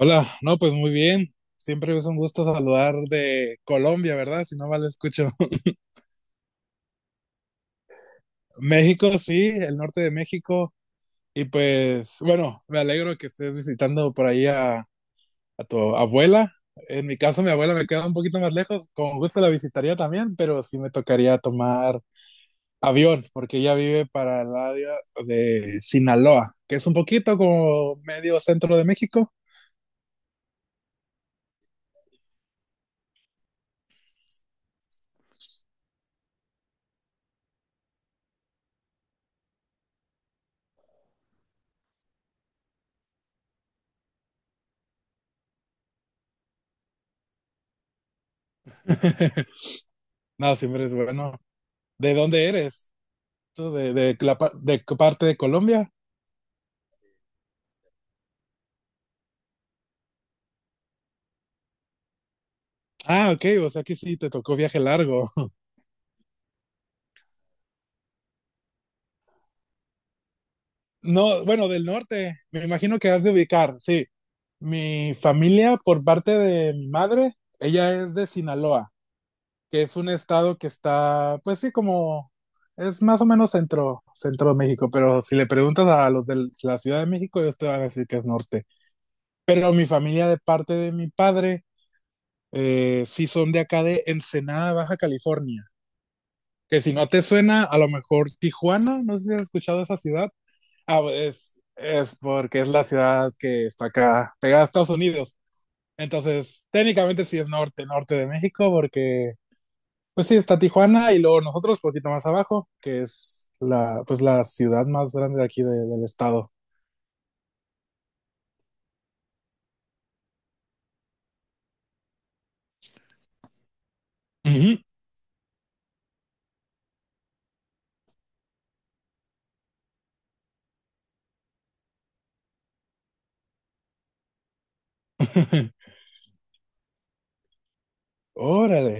Hola, no, pues muy bien. Siempre es un gusto saludar de Colombia, ¿verdad? Si no mal escucho. México, sí, el norte de México. Y pues, bueno, me alegro que estés visitando por ahí a tu abuela. En mi caso, mi abuela me queda un poquito más lejos. Con gusto la visitaría también, pero sí me tocaría tomar avión, porque ella vive para el área de Sinaloa, que es un poquito como medio centro de México. No, siempre es bueno. ¿De dónde eres? ¿Tú de qué parte de Colombia? Ah, ok, o sea que sí, te tocó viaje largo. No, bueno, del norte, me imagino que has de ubicar, sí. Mi familia, por parte de mi madre, ella es de Sinaloa, que es un estado que está, pues sí, como es más o menos centro, centro de México, pero si le preguntas a los de la Ciudad de México, ellos te van a decir que es norte. Pero mi familia, de parte de mi padre, sí son de acá de Ensenada, Baja California, que si no te suena, a lo mejor Tijuana, no sé si has escuchado esa ciudad. Ah, es porque es la ciudad que está acá, pegada a Estados Unidos. Entonces, técnicamente sí es norte, norte de México, porque pues sí, está Tijuana y luego nosotros poquito más abajo, que es la, pues la ciudad más grande de aquí del estado. Ujú. Órale.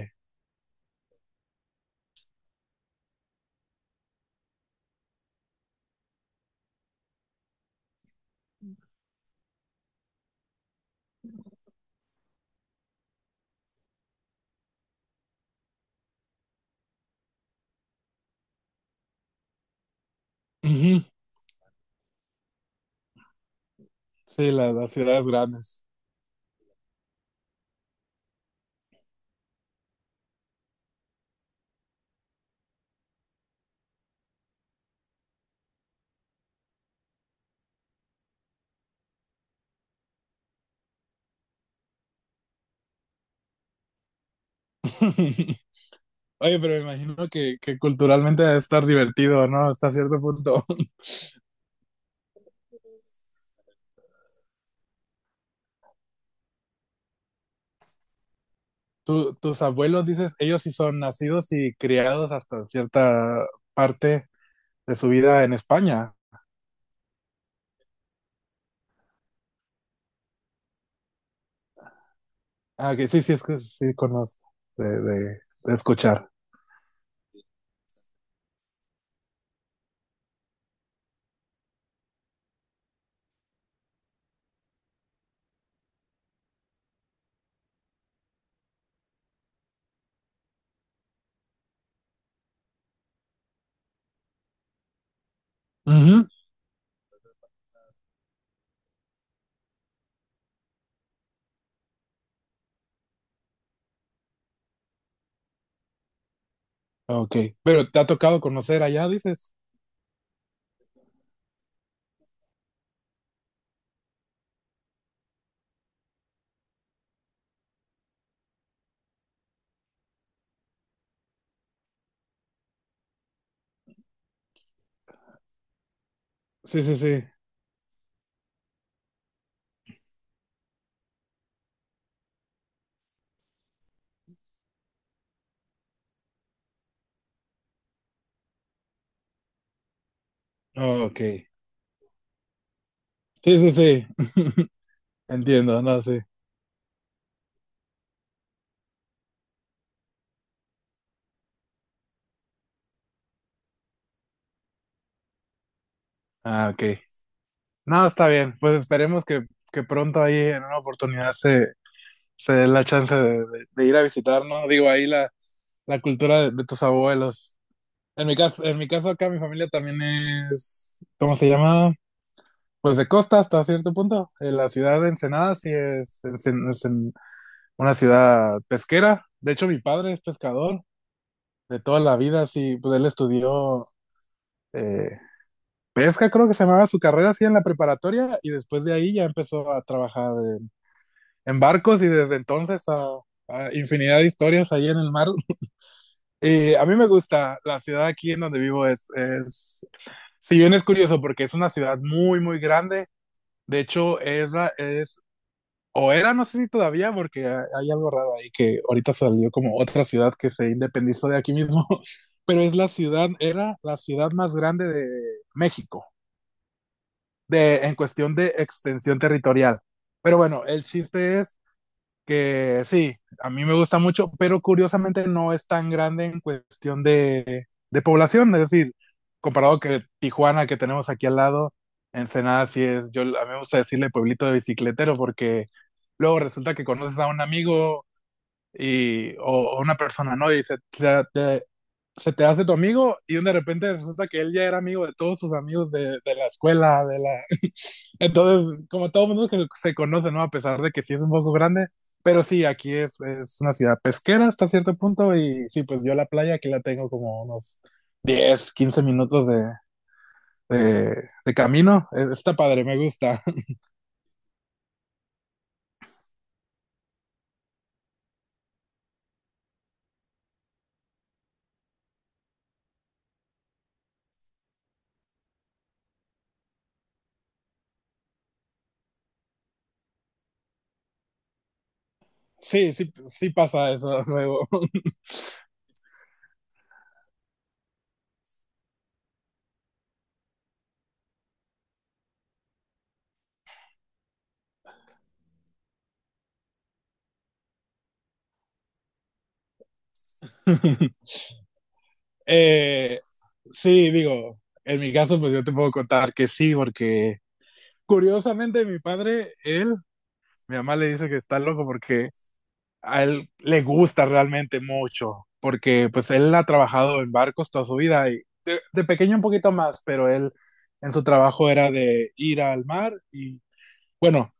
Ujú. Sí, las ciudades grandes. Oye, pero me imagino que culturalmente debe estar divertido, ¿no? Hasta cierto punto. Tus abuelos, dices, ellos sí son nacidos y criados hasta cierta parte de su vida en España. Ah, que sí, sí, es que sí conozco de, de, de escuchar. Ujú. Ok, pero te ha tocado conocer allá, dices. Sí, sí, sí. Ok. Sí, sí, sí. Entiendo, no, sí. Ah, ok. No, está bien. Pues esperemos que pronto ahí en una oportunidad se dé la chance de, de ir a visitar, ¿no? Digo, ahí la cultura de tus abuelos. En mi caso acá mi familia también es, ¿cómo se llama? Pues de costa hasta cierto punto. La ciudad de Ensenada sí es, es en una ciudad pesquera. De hecho, mi padre es pescador de toda la vida, sí, pues él estudió eh, pesca, creo que se llamaba su carrera así en la preparatoria y después de ahí ya empezó a trabajar en, en barcos y desde entonces a infinidad de historias ahí en el mar. Y a mí me gusta, la ciudad aquí en donde vivo es, si bien es curioso porque es una ciudad muy, muy grande, de hecho es, es o era, no sé si todavía, porque hay algo raro ahí que ahorita salió como otra ciudad que se independizó de aquí mismo, pero es la ciudad, era la ciudad más grande de México, de, en cuestión de extensión territorial. Pero bueno, el chiste es que sí, a mí me gusta mucho, pero curiosamente no es tan grande en cuestión de población, es decir, comparado que Tijuana que tenemos aquí al lado, Ensenada sí es, yo a mí me gusta decirle pueblito de bicicletero porque luego resulta que conoces a un amigo y, o, o una persona, ¿no? Y se te hace tu amigo y de repente resulta que él ya era amigo de todos sus amigos de la escuela, de la... Entonces, como todo mundo que se conoce, ¿no? A pesar de que sí es un poco grande, pero sí, aquí es una ciudad pesquera hasta cierto punto y sí, pues yo la playa aquí la tengo como unos 10 a 15 minutos de camino. Está padre, me gusta. Sí, sí, sí pasa eso luego. Eh, sí, digo, en mi caso, pues yo te puedo contar que sí, porque curiosamente mi padre, él, mi mamá le dice que está loco porque a él le gusta realmente mucho, porque pues él ha trabajado en barcos toda su vida y de pequeño un poquito más, pero él en su trabajo era de ir al mar y bueno,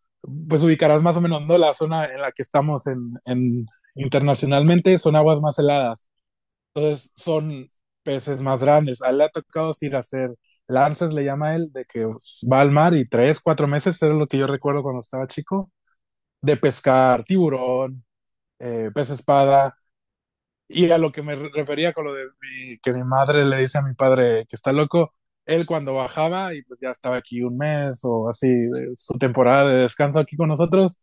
pues ubicarás más o menos, ¿no? La zona en la que estamos en internacionalmente son aguas más heladas. Entonces son peces más grandes. A él le ha tocado ir a hacer lances, le llama él, de que va al mar y tres, cuatro meses, era lo que yo recuerdo cuando estaba chico, de pescar tiburón, pez espada, y a lo que refería con lo de que mi madre le dice a mi padre que está loco, él cuando bajaba y pues ya estaba aquí un mes o así, de su temporada de descanso aquí con nosotros,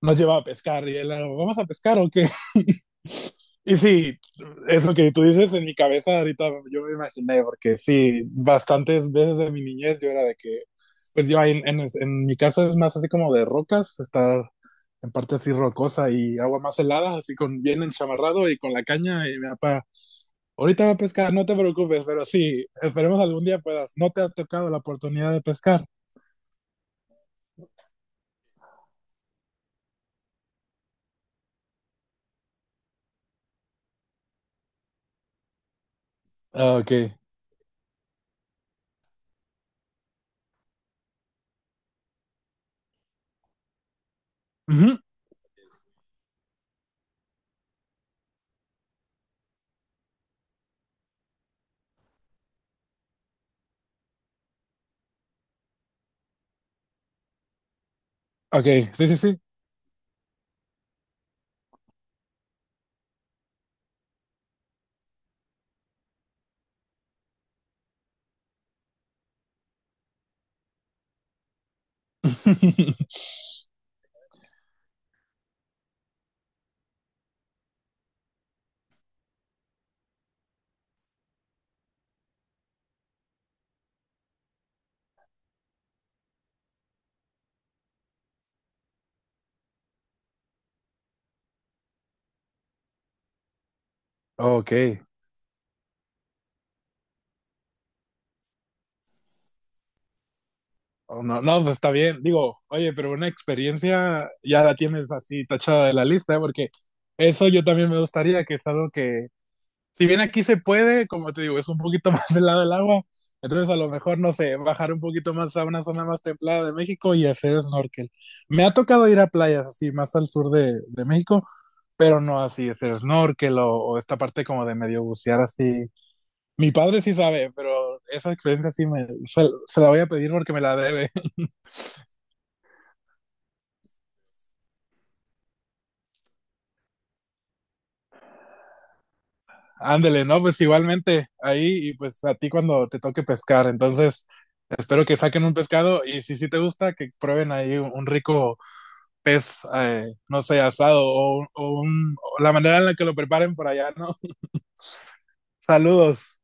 nos llevaba a pescar y él era, ¿vamos a pescar o qué? Y sí, eso que tú dices en mi cabeza ahorita yo me imaginé, porque sí, bastantes veces de mi niñez yo era de que, pues yo ahí en mi casa es más así como de rocas, está en parte así rocosa y agua más helada, así con bien enchamarrado y con la caña y mi papá, ahorita va a pescar, no te preocupes, pero sí, esperemos algún día puedas. No te ha tocado la oportunidad de pescar. Ah, ok. Ujú, ok, sí, sí, sí. Ok. Oh, no, no, pues está bien. Digo, oye, pero una experiencia ya la tienes así tachada de la lista, ¿eh? Porque eso yo también me gustaría, que es algo que si bien aquí se puede, como te digo, es un poquito más helado del agua, entonces a lo mejor, no sé, bajar un poquito más a una zona más templada de México y hacer snorkel. Me ha tocado ir a playas así más al sur de México, pero no así, hacer snorkel o esta parte como de medio bucear así. Mi padre sí sabe, pero esa experiencia sí se la voy a pedir porque me la debe. Ándele, ¿no? Pues igualmente ahí y pues a ti cuando te toque pescar, entonces... Espero que saquen un pescado y si sí te gusta, que prueben ahí un rico pez, no sé, asado o la manera en la que lo preparen por allá, ¿no? Saludos.